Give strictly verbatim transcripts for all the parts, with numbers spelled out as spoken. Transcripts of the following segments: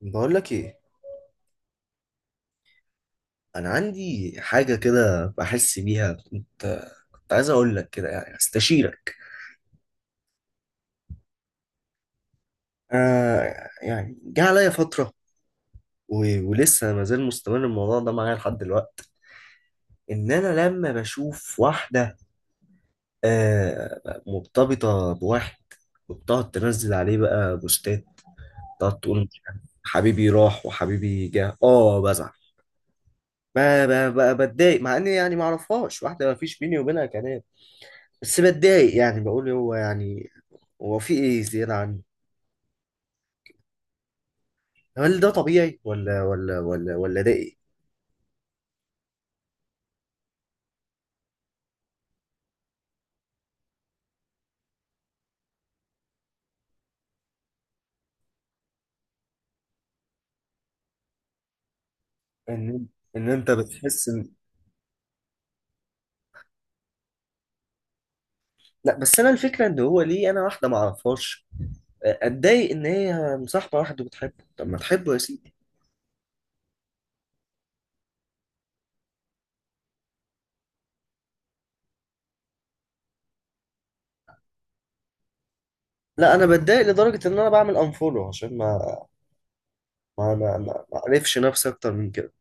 بقول لك ايه؟ انا عندي حاجه كده بحس بيها. كنت كنت عايز اقول لك كده، يعني استشيرك. آه، يعني جه عليا فتره و... ولسه ما زال مستمر الموضوع ده معايا لحد دلوقتي، ان انا لما بشوف واحده آه مرتبطه بواحد، وبتقعد تنزل عليه بقى بوستات، تقعد تقول مش عارف حبيبي راح وحبيبي جه، اه بزعل. بقى بقى بقى بتضايق، مع اني يعني ما اعرفهاش، واحده ما فيش بيني وبينها كلام، بس بتضايق. يعني بقول هو يعني هو في ايه زيادة عني؟ هل ده طبيعي، ولا ولا ولا ولا ده ايه؟ ان ان انت بتحس ان لا. بس انا الفكرة ان هو ليه انا، واحدة ما اعرفهاش، اتضايق ان هي مصاحبة واحد وبتحبه؟ طب ما تحبه يا سيدي. لا انا بتضايق لدرجة ان انا بعمل انفولو، عشان ما ما ما ما ما اعرفش نفسي اكتر من كده.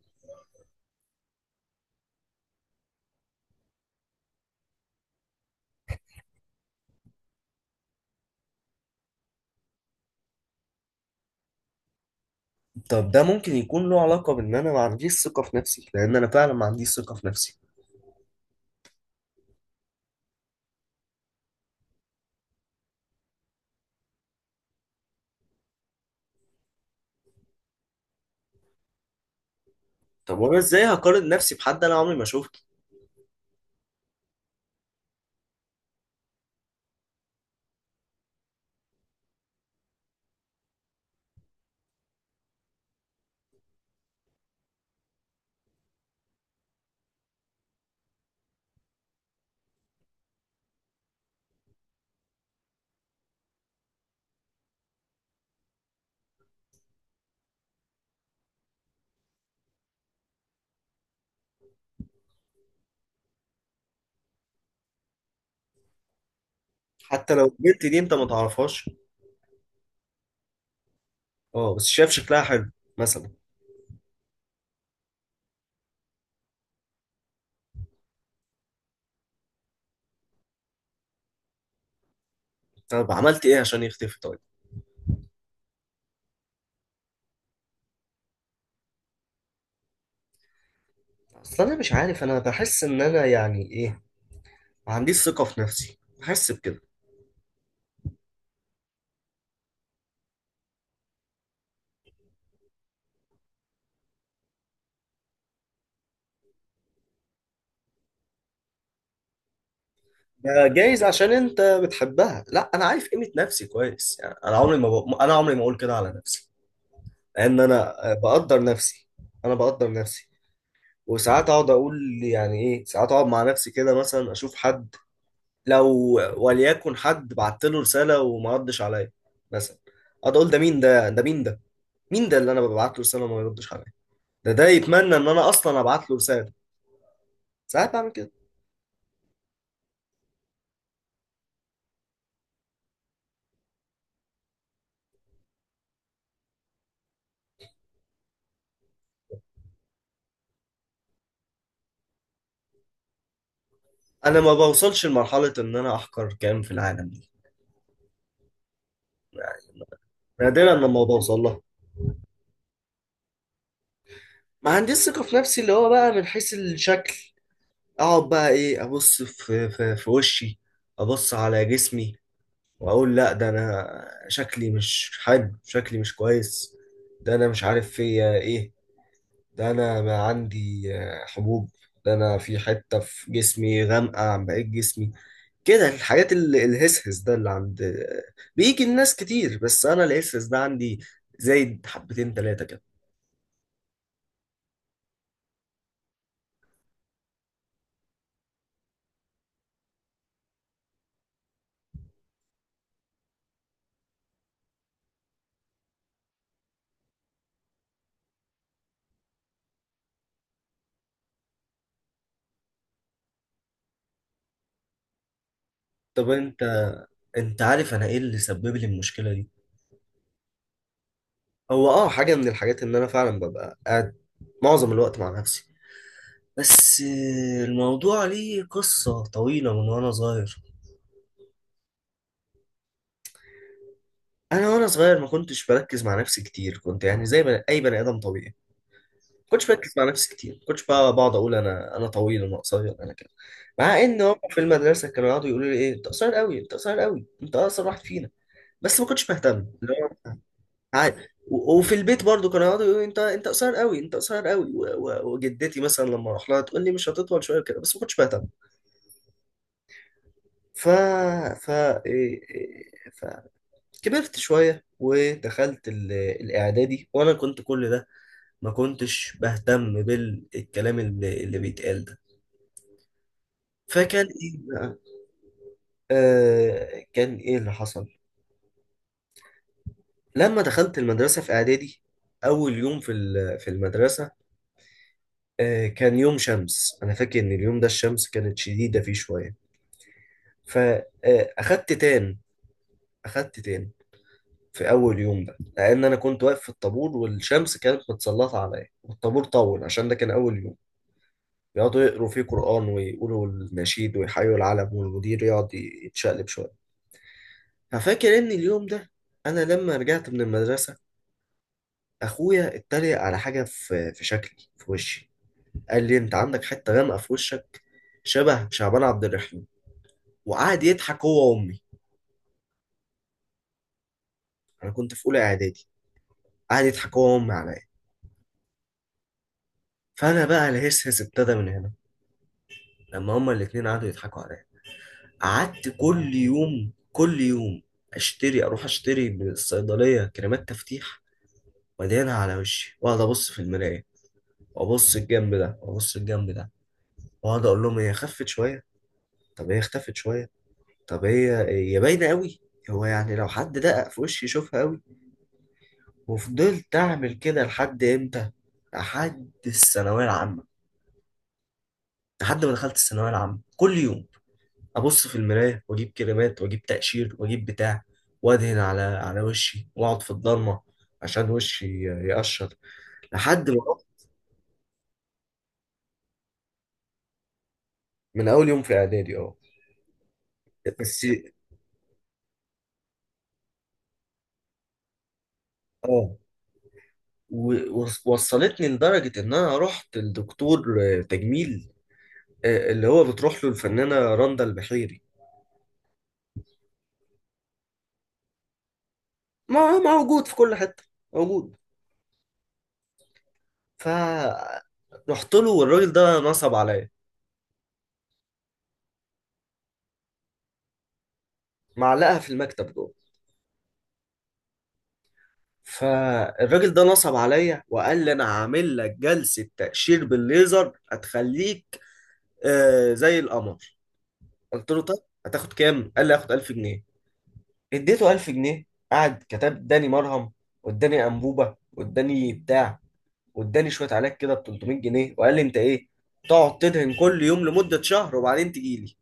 طب ده ممكن يكون له علاقة بان انا ما عنديش ثقة في نفسي؟ لان انا فعلا ما عنديش ثقة في نفسي. طب وانا ازاي هقارن نفسي بحد انا عمري ما شفته؟ حتى لو البنت دي انت ما تعرفهاش؟ اه بس شايف شكلها حلو مثلا. طب عملت ايه عشان يختفي طيب؟ اصل انا مش عارف، انا بحس ان انا، يعني ايه، ما عنديش ثقة في نفسي، بحس بكده. ده جايز عشان انت بتحبها. لا، انا عارف قيمة نفسي كويس، يعني انا عمري ما ب... انا عمري ما اقول كده على نفسي، لان انا آه، بقدر نفسي. انا بقدر نفسي. وساعات اقعد اقول يعني ايه، ساعات اقعد مع نفسي كده، مثلا اشوف حد، لو وليكن حد بعت له رساله وما ردش عليا مثلا، اقعد اقول ده مين ده، ده مين ده، مين ده اللي انا ببعت له رساله وما يردش عليا؟ ده ده يتمنى ان انا اصلا ابعت له رساله. ساعات بعمل كده. انا ما بوصلش لمرحله ان انا احقر كائن في العالم دي يعني. نادرا لما بوصل لها. ما عنديش ثقه في نفسي، اللي هو بقى من حيث الشكل، اقعد بقى ايه، ابص في في, في وشي، ابص على جسمي، واقول لا ده انا شكلي مش حلو، شكلي مش كويس، ده انا مش عارف فيا ايه، ده انا ما عندي آه، حبوب، ده انا في حته في جسمي غامقه عن بقيه جسمي، كده. الحاجات ال- الهسهس ده اللي عند، بيجي الناس كتير، بس انا الهسهس ده عندي زايد حبتين تلاتة كده. طب انت انت عارف انا ايه اللي سبب لي المشكلة دي؟ هو اه حاجة من الحاجات ان انا فعلا ببقى قاعد معظم الوقت مع نفسي. بس الموضوع ليه قصة طويلة من وانا صغير. انا وانا صغير ما كنتش بركز مع نفسي كتير، كنت يعني زي بني- اي بني ادم طبيعي، كنتش بركز مع نفسي كتير، كنتش بقى بقعد اقول انا انا طويل، انا قصير، انا كده، مع ان هم في المدرسه كانوا يقعدوا يقولوا لي ايه، انت قصير قوي، انت قصير قوي، انت اقصر واحد فينا، بس ما كنتش بهتم اللي هو، عادي. و- وفي البيت برضو كانوا يقعدوا يقولوا لي انت انت قصير قوي، انت قصير قوي، و- و- وجدتي مثلا لما اروح لها تقول لي مش هتطول شويه كده، بس ما كنتش بهتم. ف ف إيه- إيه- فكبرت شويه ودخلت ال- الاعدادي، وانا كنت كل ده ما كنتش بهتم بالكلام اللي اللي بيتقال ده. فكان ايه بقى؟ آه كان ايه اللي حصل لما دخلت المدرسه في اعدادي؟ اول يوم في ال- في المدرسه، آه كان يوم شمس، انا فاكر ان اليوم ده الشمس كانت شديده فيه شويه. فاخدت تان اخدت تان في اول يوم ده، لان انا كنت واقف في الطابور، والشمس كانت متسلطه عليا، والطابور طول عشان ده كان اول يوم، يقعدوا يقروا فيه قران، ويقولوا النشيد، ويحيوا العلم، والمدير يقعد يتشقلب شويه. ففاكر ان اليوم ده، انا لما رجعت من المدرسه، اخويا اتريق على حاجه في في شكلي في وشي، قال لي انت عندك حته غامقه في وشك، شبه شعبان عبد الرحيم، وقعد يضحك هو وامي. انا كنت في اولى اعدادي، قعد يضحك هو وامي عليا. فانا بقى الهسهس ابتدى من هنا، لما هما الاتنين قعدوا يضحكوا عليا. قعدت كل يوم كل يوم اشتري اروح اشتري من الصيدليه كريمات تفتيح، وادهنها على وشي، واقعد ابص في المرايه، وابص الجنب ده، وابص الجنب ده، واقعد اقول لهم هي خفت شويه، طب هي اختفت شويه، طب هي، هي باينة قوي، هو يعني لو حد دقق في وشي يشوفها قوي. وفضلت أعمل كده لحد إمتى؟ لحد الثانوية العامة. لحد ما دخلت الثانوية العامة، كل يوم أبص في المراية، وأجيب كريمات، وأجيب تقشير، وأجيب بتاع، وأدهن على على وشي، وأقعد في الضلمة عشان وشي ي- يقشر. لحد ما رحت. من أول يوم في إعدادي أه. بس أه، و- وص- وصلتني لدرجة إن أنا رحت لدكتور آه، تجميل، آه، اللي هو بتروح له الفنانة رندا البحيري. ما هو موجود في كل حتة، موجود. ف رحت له والراجل ده نصب عليا. معلقها في المكتب جوه. فالراجل ده نصب عليا وقال لي انا هعمل لك جلسة تقشير بالليزر هتخليك آه زي القمر. قلت له طب هتاخد كام؟ قال لي هاخد ألف جنيه. اديته ألف جنيه. قعد كتب، اداني مرهم، واداني انبوبة، واداني بتاع، واداني شوية علاج كده ب ثلاثمائة جنيه، وقال لي انت ايه؟ تقعد تدهن كل يوم لمدة شهر وبعدين تجيلي.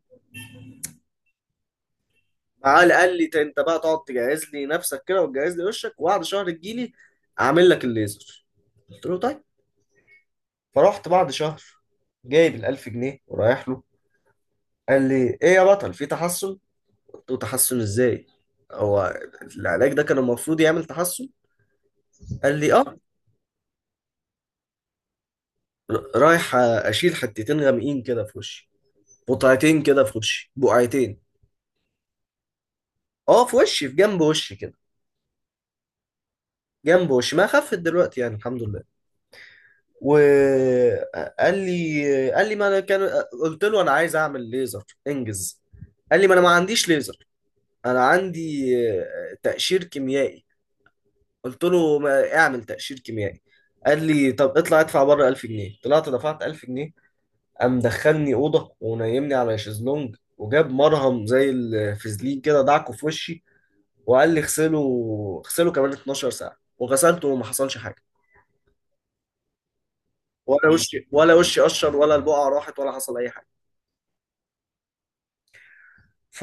معاه. قال لي انت بقى تقعد تجهز لي نفسك كده، وتجهز لي وشك، وبعد شهر تجيلي اعمل لك الليزر. قلت له طيب. فرحت بعد شهر، جايب الألف جنيه ورايح له. قال لي ايه يا بطل، في تحسن. قلت له تحسن ازاي؟ هو العلاج ده كان المفروض يعمل تحسن. قال لي اه. ر- رايح اشيل حتتين غامقين كده في وشي، قطعتين كده في وشي، بقعتين. اه في وشي، في جنب وشي كده. جنب وشي ما خفت دلوقتي يعني الحمد لله. وقال لي، قال لي ما انا كان. قلت له انا عايز اعمل ليزر انجز. قال لي ما انا ما عنديش ليزر. انا عندي آه، تقشير كيميائي. قلت له ما اعمل تقشير كيميائي. قال لي طب اطلع ادفع بره ألف جنيه. طلعت دفعت ألف جنيه. قام دخلني اوضه، ونيمني على شезлونج وجاب مرهم زي الفازلين كده، دعكه في وشي، وقال لي اغسله. اغسله كمان 12 ساعه. وغسلته وما حصلش حاجه. ولا وشي، ولا وشي قشر، ولا البقعه راحت، ولا حصل اي حاجه. ف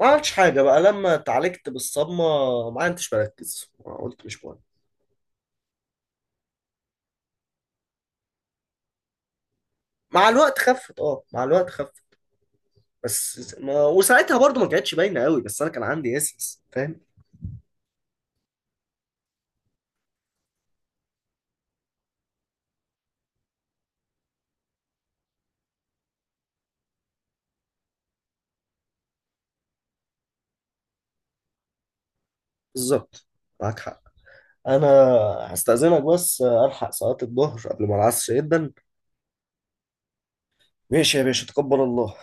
ما عملتش حاجة بقى، لما اتعالجت بالصدمة، ما عدتش بركز، قلت مش مهم. مع الوقت خفت، اه مع الوقت خفت. بس ما... وساعتها برضو ما كانتش باينة قوي، بس انا كان عندي اسس، فاهم. بالظبط، معاك حق. انا هستأذنك بس الحق صلاة الظهر قبل ما العصر يبدا. ماشي يا باشا، تقبل الله.